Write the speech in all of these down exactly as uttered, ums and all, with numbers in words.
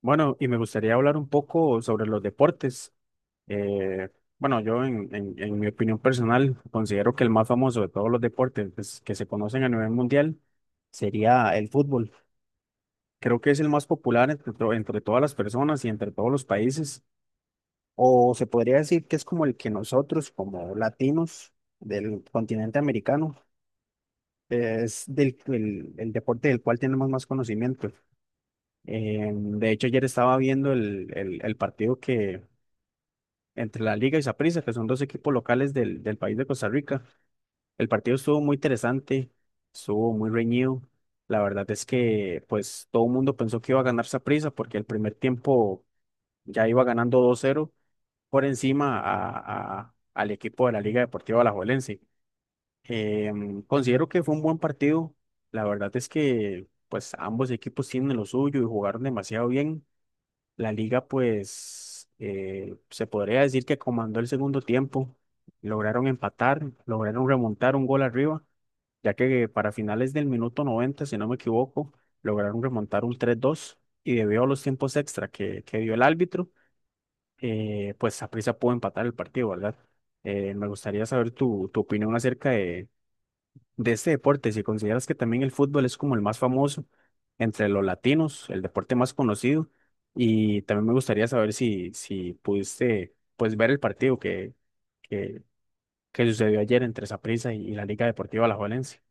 Bueno, y me gustaría hablar un poco sobre los deportes. Eh, bueno, yo en, en- en mi opinión personal considero que el más famoso de todos los deportes, pues, que se conocen a nivel mundial sería el fútbol. Creo que es el más popular entre, to- entre todas las personas y entre todos los países. O se podría decir que es como el que nosotros, como latinos del continente americano, es del, el, el deporte del cual tenemos más conocimiento. Eh, de hecho, ayer estaba viendo el, el el partido que entre la Liga y Saprissa, que son dos equipos locales del, del país de Costa Rica. El partido estuvo muy interesante, estuvo muy reñido. La verdad es que, pues, todo el mundo pensó que iba a ganar Saprissa porque el primer tiempo ya iba ganando dos cero por encima a- a- al equipo de la Liga Deportiva Alajuelense. Em, considero que fue un buen partido. La verdad es que, pues, ambos equipos tienen lo suyo y jugaron demasiado bien. La Liga, pues, eh, se podría decir que comandó el segundo tiempo. Lograron empatar, lograron remontar un gol arriba, ya que para finales del minuto noventa, si no me equivoco, lograron remontar un tres dos, y debido a los tiempos extra que, que dio el árbitro, eh, pues Saprissa pudo empatar el partido, ¿verdad? Eh, me gustaría saber tu, tu opinión acerca de, de este deporte, si consideras que también el fútbol es como el más famoso entre los latinos, el deporte más conocido, y también me gustaría saber si, si pudiste, pues, ver el partido que, que, que sucedió ayer entre Saprissa y, y la Liga Deportiva Alajuelense.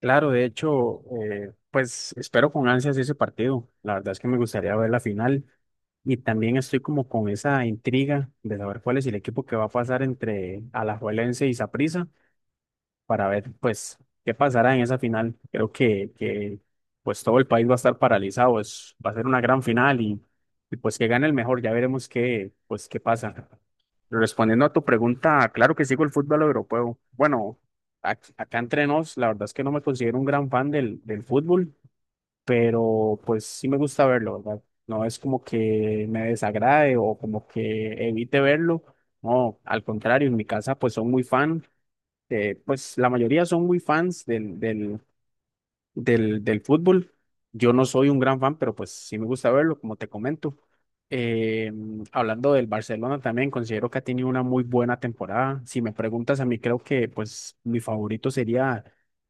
Claro, de hecho, eh, pues espero con ansias ese partido. La verdad es que me gustaría ver la final, y también estoy como con esa intriga de saber cuál es el equipo que va a pasar entre Alajuelense y Saprissa para ver, pues, qué pasará en esa final. Creo que, que, pues, todo el país va a estar paralizado, es, va a ser una gran final, y, y, pues, que gane el mejor, ya veremos qué, pues, qué pasa. Respondiendo a tu pregunta, claro que sigo el fútbol europeo. Bueno, ac- acá entre nos, la verdad es que no me considero un gran fan del, del fútbol, pero, pues, sí me gusta verlo, ¿verdad? No es como que me desagrade o como que evite verlo. No, al contrario, en mi casa, pues, son muy fan, eh, pues la mayoría son muy fans del, del, del, del fútbol. Yo no soy un gran fan, pero, pues, sí me gusta verlo, como te comento. Eh, Hablando del Barcelona también, considero que ha tenido una muy buena temporada. Si me preguntas a mí, creo que, pues, mi favorito sería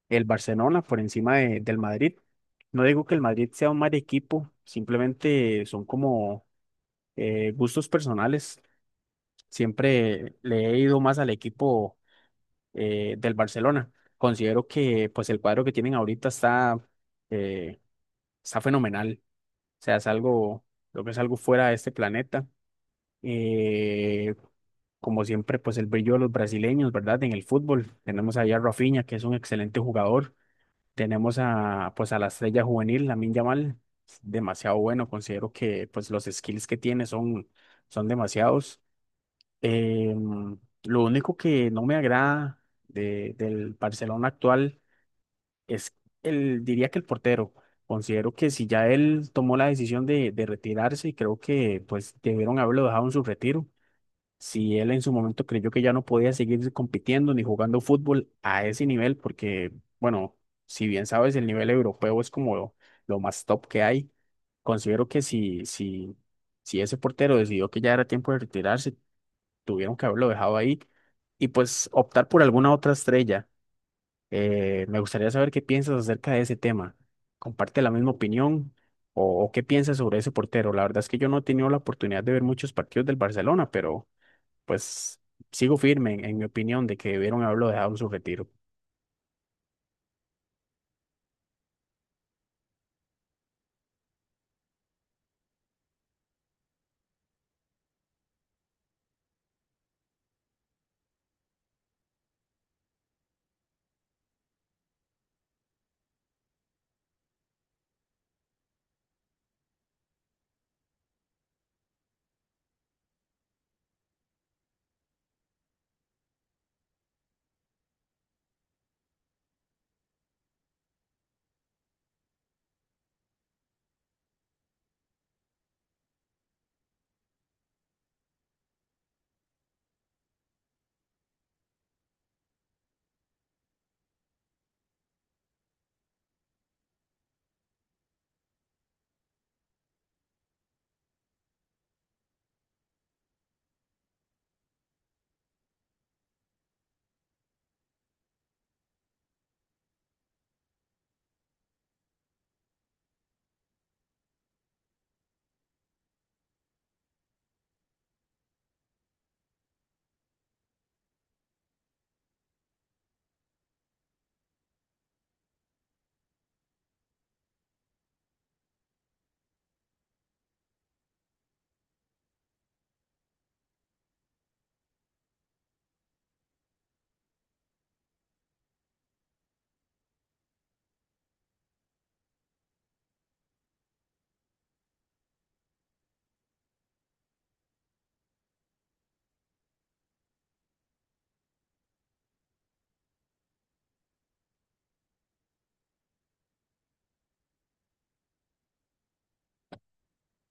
el Barcelona por encima de- del Madrid. No digo que el Madrid sea un mal equipo, simplemente son como, eh, gustos personales. Siempre le he ido más al equipo, eh, del Barcelona. Considero que, pues, el cuadro que tienen ahorita está, eh, está fenomenal. O sea, es algo, lo que es algo fuera de este planeta. Eh, Como siempre, pues, el brillo de los brasileños, ¿verdad? En el fútbol. Tenemos allá a Rafinha, que es un excelente jugador. Tenemos a, pues, a la estrella juvenil, Lamine Yamal. Es demasiado bueno. Considero que, pues, los skills que tiene son, son demasiados. Em, lo único que no me agrada de- del Barcelona actual es el, diría que el portero. Considero que si ya él tomó la decisión de, de retirarse, creo que, pues, debieron haberlo dejado en su retiro. Si él en su momento creyó que ya no podía seguir compitiendo ni jugando fútbol a ese nivel, porque, bueno, si bien sabes, el nivel europeo es como lo, lo más top que hay. Considero que si, si, si ese portero decidió que ya era tiempo de retirarse, tuvieron que haberlo dejado ahí y, pues, optar por alguna otra estrella. Eh, me gustaría saber qué piensas acerca de ese tema. ¿Comparte la misma opinión, o, o qué piensas sobre ese portero? La verdad es que yo no he tenido la oportunidad de ver muchos partidos del Barcelona, pero, pues, sigo firme en, en mi opinión de que debieron haberlo dejado en su retiro.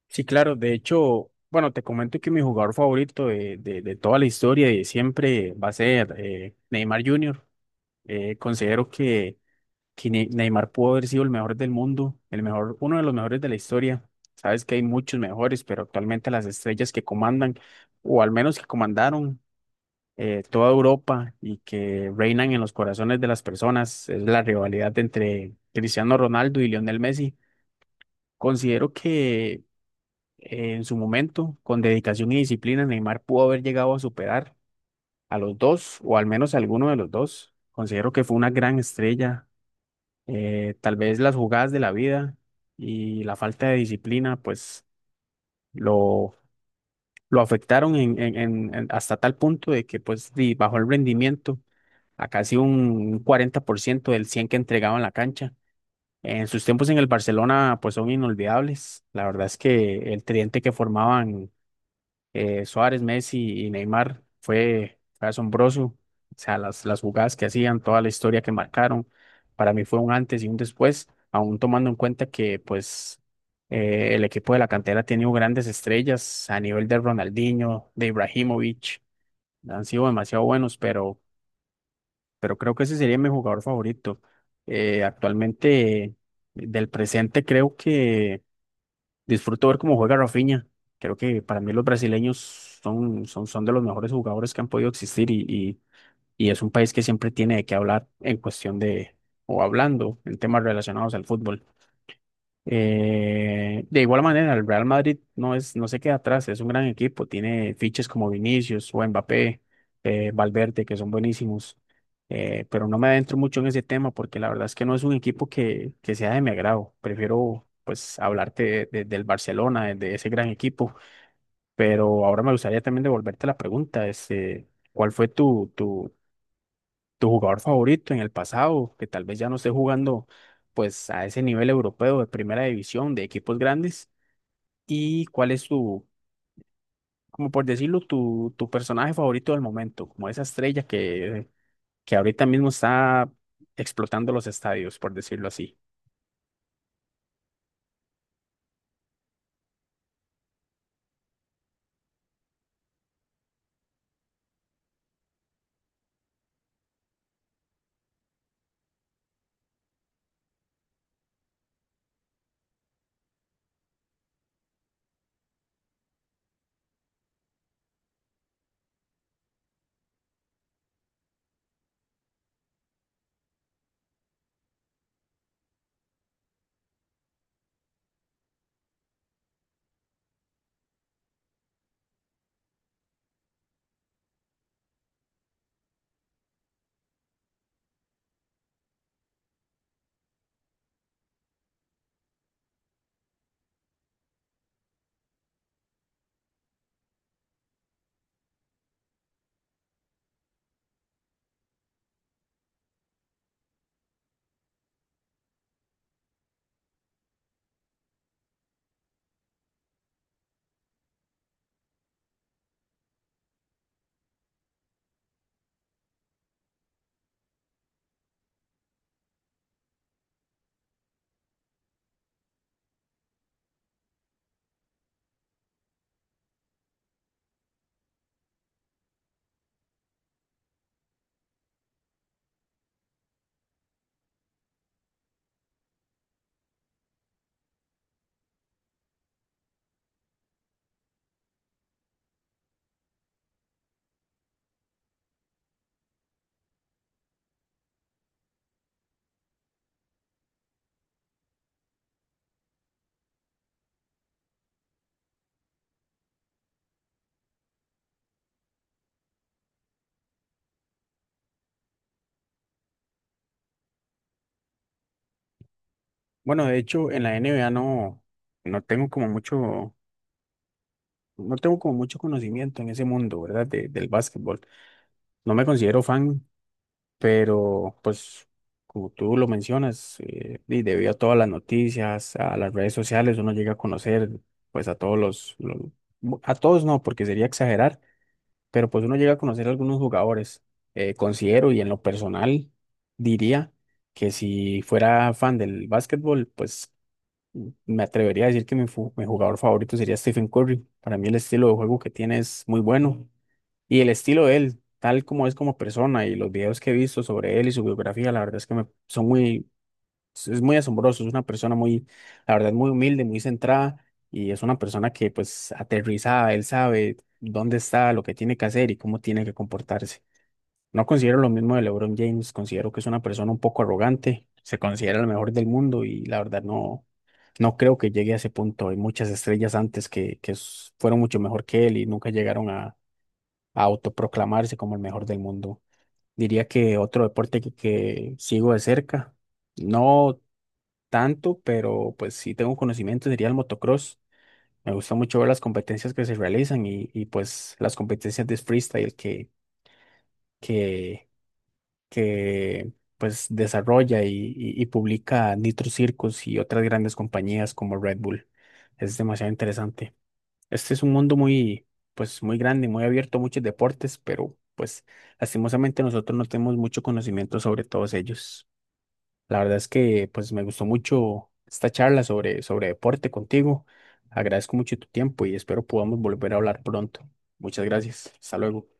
Sí, claro, de hecho, bueno, te comento que mi jugador favorito de, de, de toda la historia y de siempre va a ser, eh, Neymar junior Eh, considero que que Ne- Neymar pudo haber sido el mejor del mundo, el mejor, uno de los mejores de la historia. Sabes que hay muchos mejores, pero actualmente las estrellas que comandan, o al menos que comandaron, eh, toda Europa y que reinan en los corazones de las personas, es la rivalidad entre Cristiano Ronaldo y Lionel Messi. Considero que, eh, en su momento, con dedicación y disciplina, Neymar pudo haber llegado a superar a los dos, o al menos a alguno de los dos. Considero que fue una gran estrella, eh, tal vez las jugadas de la vida y la falta de disciplina, pues, lo, lo afectaron en, en- en- en- hasta tal punto de que, pues, di- bajó el rendimiento a casi un cuarenta por ciento del cien que entregaba en la cancha. En sus tiempos en el Barcelona, pues, son inolvidables. La verdad es que el tridente que formaban, eh, Suárez, Messi y Neymar fue, fue asombroso. O sea, las, las jugadas que hacían, toda la historia que marcaron, para mí fue un antes y un después, aún tomando en cuenta que, pues, eh, el equipo de la cantera ha tenido grandes estrellas a nivel de Ronaldinho, de Ibrahimovic, han sido demasiado buenos, pero, pero creo que ese sería mi jugador favorito. Eh, actualmente, del presente, creo que... Disfruto ver cómo juega Rafinha. Creo que para mí los brasileños son, son, son de los mejores jugadores que han podido existir, y, y, y es un país que siempre tiene de qué hablar en cuestión de, o hablando en temas relacionados al fútbol. Eh, de igual manera, el Real Madrid no es, no se queda atrás, es un gran equipo, tiene fiches como Vinicius o Mbappé, eh, Valverde, que son buenísimos, eh, pero no me adentro mucho en ese tema porque la verdad es que no es un equipo que, que sea de mi agrado. Prefiero, pues, hablarte de- de- del Barcelona, de, de ese gran equipo, pero ahora me gustaría también devolverte la pregunta, este, ¿cuál fue tu, tu tu jugador favorito en el pasado, que tal vez ya no esté jugando, pues, a ese nivel europeo de primera división, de equipos grandes, y cuál es tu, como por decirlo, tu, tu personaje favorito del momento, como esa estrella que, que ahorita mismo está explotando los estadios, por decirlo así? Bueno, de hecho, en la N B A no, no tengo como mucho, no tengo como mucho conocimiento en ese mundo, ¿verdad? de- del básquetbol. No me considero fan, pero, pues, como tú lo mencionas, eh, y debido a todas las noticias, a las redes sociales, uno llega a conocer, pues, a todos los, los- bu- a todos no, porque sería exagerar, pero, pues, uno llega a conocer a algunos jugadores. Eh, considero y en lo personal diría que si fuera fan del básquetbol, pues, me atrevería a decir que mi, fu- mi jugador favorito sería Stephen Curry. Para mí el estilo de juego que tiene es muy bueno. Y el estilo de él, tal como es como persona y los videos que he visto sobre él y su biografía, la verdad es que me, son muy, es muy asombroso. Es una persona muy, la verdad, muy humilde, muy centrada, y es una persona que, pues, aterrizada, él sabe dónde está, lo que tiene que hacer y cómo tiene que comportarse. No considero lo mismo de LeBron James, considero que es una persona un poco arrogante, se considera el mejor del mundo, y la verdad no, no creo que llegue a ese punto. Hay muchas estrellas antes que, que s- fueron mucho mejor que él y nunca llegaron a a autoproclamarse como el mejor del mundo. Diría que otro deporte que, que sigo de cerca, no tanto, pero, pues, sí tengo conocimiento, sería el motocross. Me gusta mucho ver las competencias que se realizan, y, y pues las competencias de freestyle que, que, que, pues, desarrolla y, y- y publica Nitro Circus y otras grandes compañías como Red Bull. Es demasiado interesante. Este es un mundo muy, pues, muy grande, muy abierto a muchos deportes, pero, pues, lastimosamente nosotros no tenemos mucho conocimiento sobre todos ellos. La verdad es que, pues, me gustó mucho esta charla sobre, sobre deporte contigo. Agradezco mucho tu tiempo y espero podamos volver a hablar pronto. Muchas gracias. Hasta luego.